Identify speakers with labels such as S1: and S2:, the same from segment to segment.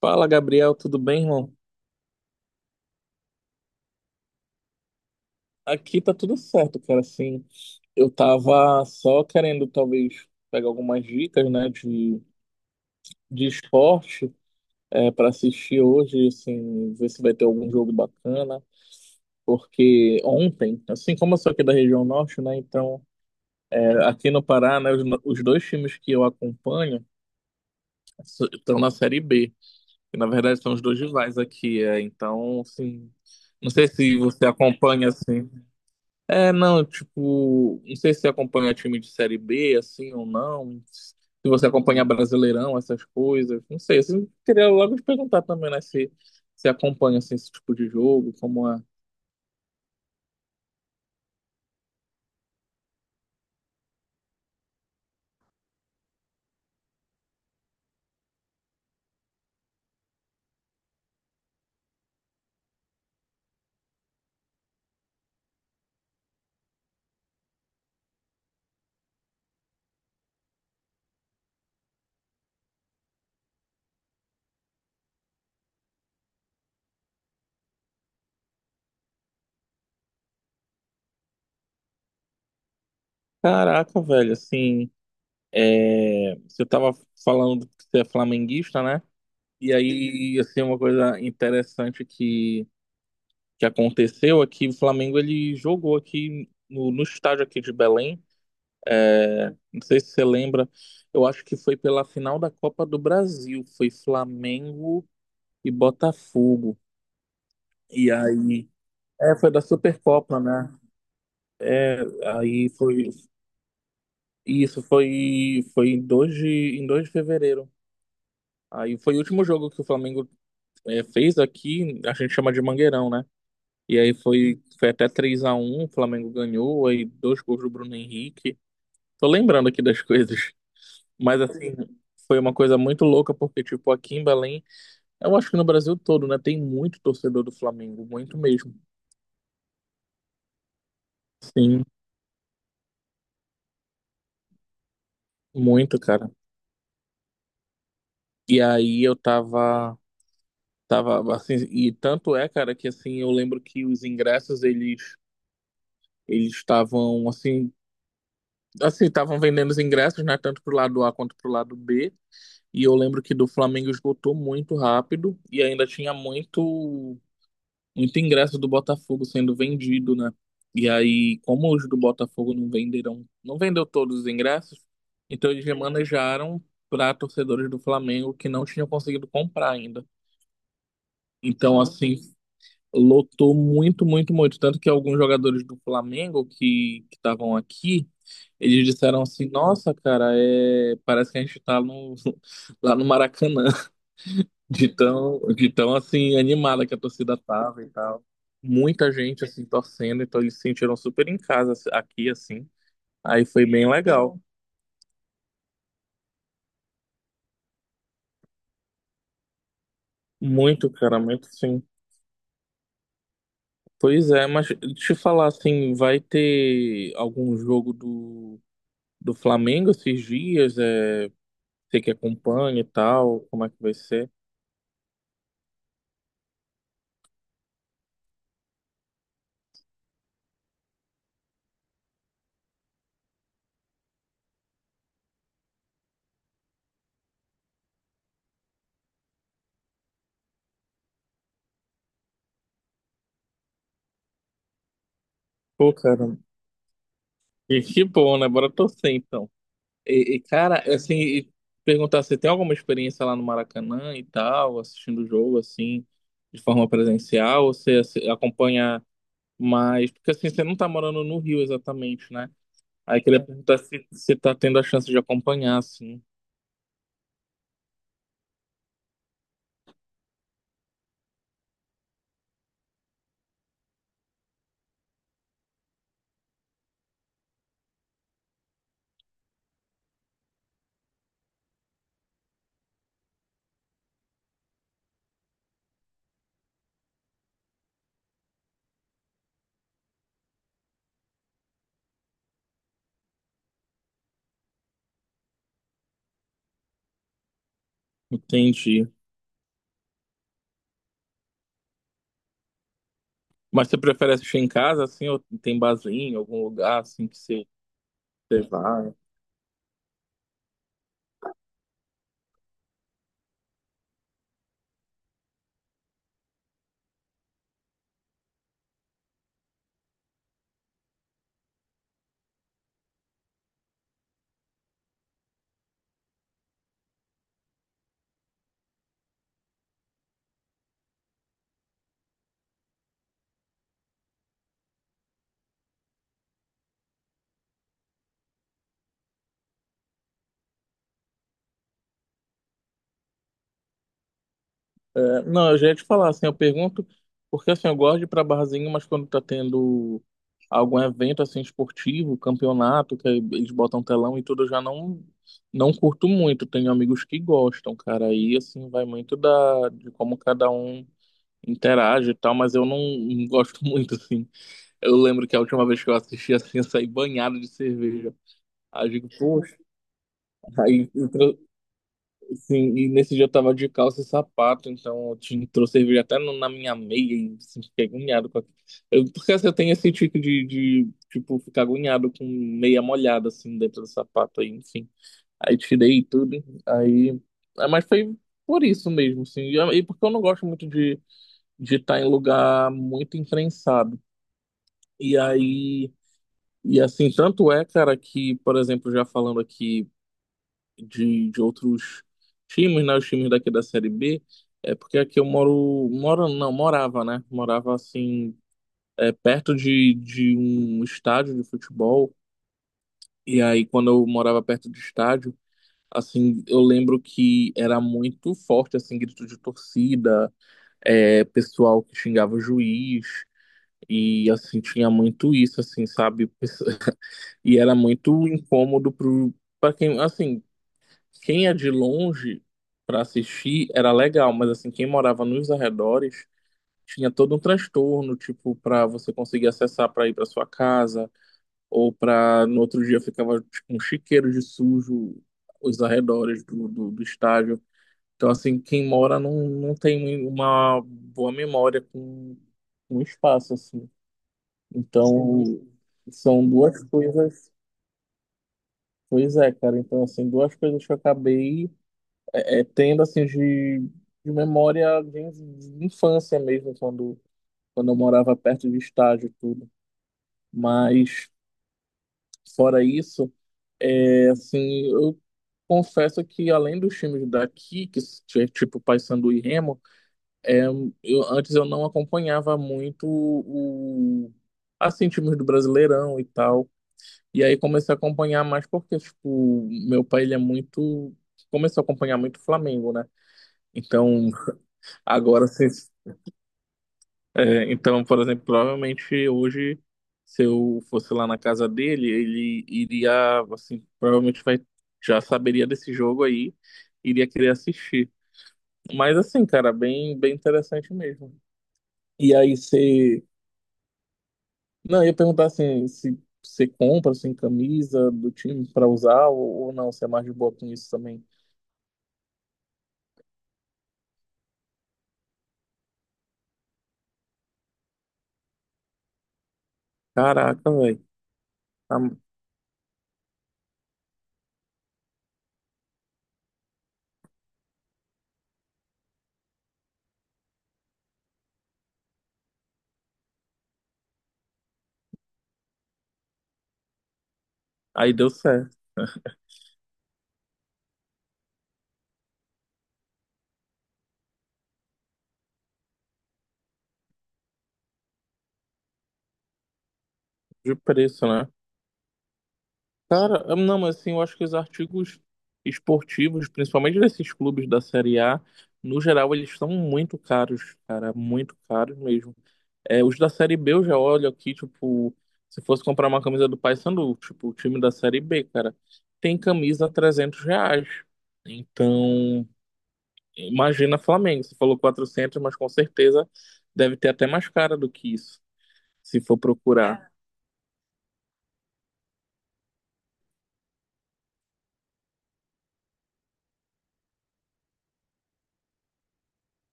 S1: Fala, Gabriel, tudo bem, irmão? Aqui tá tudo certo, cara. Assim, eu tava só querendo talvez pegar algumas dicas, né, de esporte para assistir hoje, assim, ver se vai ter algum jogo bacana. Porque ontem, assim como eu sou aqui da região norte, né, então aqui no Pará, né, os, no- os dois times que eu acompanho estão na Série B, que na verdade são os dois rivais aqui. Então, assim, não sei se você acompanha assim. É, não, tipo, não sei se você acompanha time de Série B, assim, ou não. Se você acompanha Brasileirão, essas coisas. Não sei, assim, eu queria logo te perguntar também, né, se você acompanha, assim, esse tipo de jogo, como é. Caraca, velho, assim, você tava falando que você é flamenguista, né? E aí, assim, uma coisa interessante que aconteceu é que o Flamengo, ele jogou aqui no estádio aqui de Belém. Não sei se você lembra, eu acho que foi pela final da Copa do Brasil, foi Flamengo e Botafogo. E aí, foi da Supercopa, né? Aí foi, isso foi em 2 de fevereiro. Aí foi o último jogo que o Flamengo fez aqui, a gente chama de Mangueirão, né? E aí foi, foi até 3-1, o Flamengo ganhou, aí dois gols do Bruno Henrique. Tô lembrando aqui das coisas, mas assim, foi uma coisa muito louca, porque tipo, aqui em Belém. Eu acho que no Brasil todo, né? Tem muito torcedor do Flamengo, muito mesmo. Sim, muito, cara. E aí eu tava, tava assim, e tanto é, cara, que assim, eu lembro que os ingressos, eles estavam assim, assim, estavam vendendo os ingressos, né, tanto pro lado A quanto pro lado B. E eu lembro que do Flamengo esgotou muito rápido e ainda tinha muito ingresso do Botafogo sendo vendido, né? E aí, como os do Botafogo não venderam, não vendeu todos os ingressos, então eles remanejaram para torcedores do Flamengo que não tinham conseguido comprar ainda. Então, assim, lotou muito, muito, muito. Tanto que alguns jogadores do Flamengo que estavam aqui, eles disseram assim, nossa, cara, é, parece que a gente tá no, lá no Maracanã. De tão assim animada que a torcida tava e tal. Muita gente assim torcendo, então eles se sentiram super em casa assim, aqui assim. Aí foi bem legal. Muito, cara, muito sim. Pois é, mas deixa eu falar assim, vai ter algum jogo do Flamengo esses dias? Você que acompanha e tal, como é que vai ser? Pô, cara, que bom, né? Bora torcer então. E, cara, assim, e perguntar se tem alguma experiência lá no Maracanã e tal, assistindo o jogo, assim, de forma presencial, ou você assim, acompanha mais, porque assim, você não tá morando no Rio exatamente, né? Aí queria perguntar se você tá tendo a chance de acompanhar, assim, entendi. Mas você prefere assistir em casa, assim, ou tem barzinho, algum lugar, assim, que você, você vai? É, não, eu já ia te falar, assim, eu pergunto, porque assim, eu gosto de ir pra barzinho, mas quando tá tendo algum evento, assim, esportivo, campeonato, que aí eles botam telão e tudo, eu já não, não curto muito. Tenho amigos que gostam, cara, aí, assim, vai muito da, de como cada um interage e tal, mas eu não, não gosto muito, assim. Eu lembro que a última vez que eu assisti, assim, eu saí banhado de cerveja. Aí eu digo, poxa, aí então, sim, e nesse dia eu tava de calça e sapato, então eu trouxe cerveja até na minha meia e assim, fiquei agoniado com aquilo. Porque assim, eu tenho esse tipo tipo, ficar agoniado com meia molhada, assim, dentro do sapato, aí, enfim. Aí tirei tudo, aí, ah, mas foi por isso mesmo, assim, e porque eu não gosto muito de estar em lugar muito imprensado. E aí, e assim, tanto é, cara, que, por exemplo, já falando aqui de outros times, né? Os times daqui da Série B. É porque aqui eu moro, moro não, morava, né? Morava assim, perto de um estádio de futebol. E aí, quando eu morava perto do estádio, assim, eu lembro que era muito forte, assim, grito de torcida, pessoal que xingava o juiz. E assim, tinha muito isso, assim, sabe? E era muito incômodo pro, pra quem, assim. Quem é de longe para assistir era legal, mas assim, quem morava nos arredores tinha todo um transtorno, tipo, para você conseguir acessar para ir para sua casa, ou para no outro dia ficava tipo, um chiqueiro de sujo os arredores do estádio. Então, assim, quem mora não, não tem uma boa memória com o espaço, assim. Então, são duas coisas. Pois é, cara. Então, assim, duas coisas que eu acabei tendo assim de memória de infância mesmo, quando, quando eu morava perto de estádio e tudo. Mas fora isso, assim, eu confesso que além dos times daqui, que é tipo Paysandu e Remo, é, eu, antes eu não acompanhava muito o, assim, times do Brasileirão e tal. E aí comecei a acompanhar mais porque, tipo, meu pai, ele é muito, começou a acompanhar muito o Flamengo, né? Então, agora, assim, é, então, por exemplo, provavelmente hoje, se eu fosse lá na casa dele, ele iria, assim, provavelmente vai, já saberia desse jogo aí, iria querer assistir. Mas assim, cara, bem, bem interessante mesmo. E aí você, não, eu ia perguntar assim, se você compra assim camisa do time pra usar ou não, você é mais de boa com isso também. Caraca, velho. Aí deu certo de preço, né? Cara, não, mas assim, eu acho que os artigos esportivos, principalmente desses clubes da Série A, no geral, eles estão muito caros, cara, muito caros mesmo. É, os da Série B eu já olho aqui, tipo, se fosse comprar uma camisa do Paysandu, tipo, o time da Série B, cara, tem camisa a R$ 300. Então, imagina Flamengo, você falou 400, mas com certeza deve ter até mais cara do que isso, se for procurar.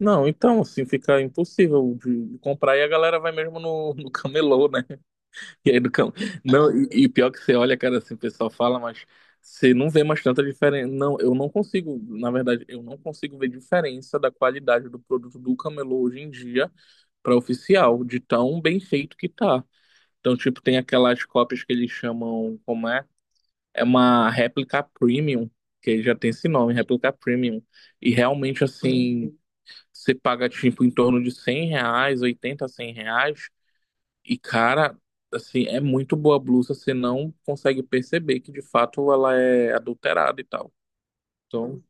S1: Não, então, assim fica impossível de comprar, e a galera vai mesmo no, no camelô, né? E aí do cam, não, e pior que você olha, cara, assim, o pessoal fala, mas você não vê mais tanta diferença. Não, eu não consigo, na verdade, eu não consigo ver diferença da qualidade do produto do camelô hoje em dia para oficial, de tão bem feito que tá. Então, tipo, tem aquelas cópias que eles chamam, como é? É uma réplica premium, que já tem esse nome, réplica premium. E realmente, assim. Você paga, tipo, em torno de R$ 100, 80 R$ 100. E, cara, assim, é muito boa a blusa. Você não consegue perceber que, de fato, ela é adulterada e tal. Então,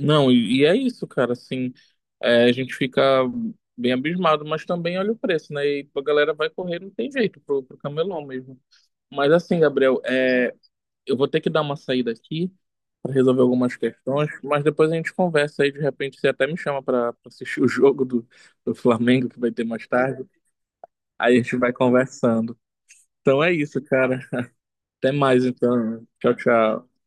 S1: não, e é isso, cara. Assim, a gente fica bem abismado, mas também olha o preço, né? E a galera vai correr, não tem jeito, pro, pro camelão mesmo. Mas, assim, Gabriel, eu vou ter que dar uma saída aqui, para resolver algumas questões, mas depois a gente conversa aí, de repente você até me chama para assistir o jogo do, do Flamengo que vai ter mais tarde. Aí a gente vai conversando. Então é isso, cara. Até mais então. Tchau, tchau.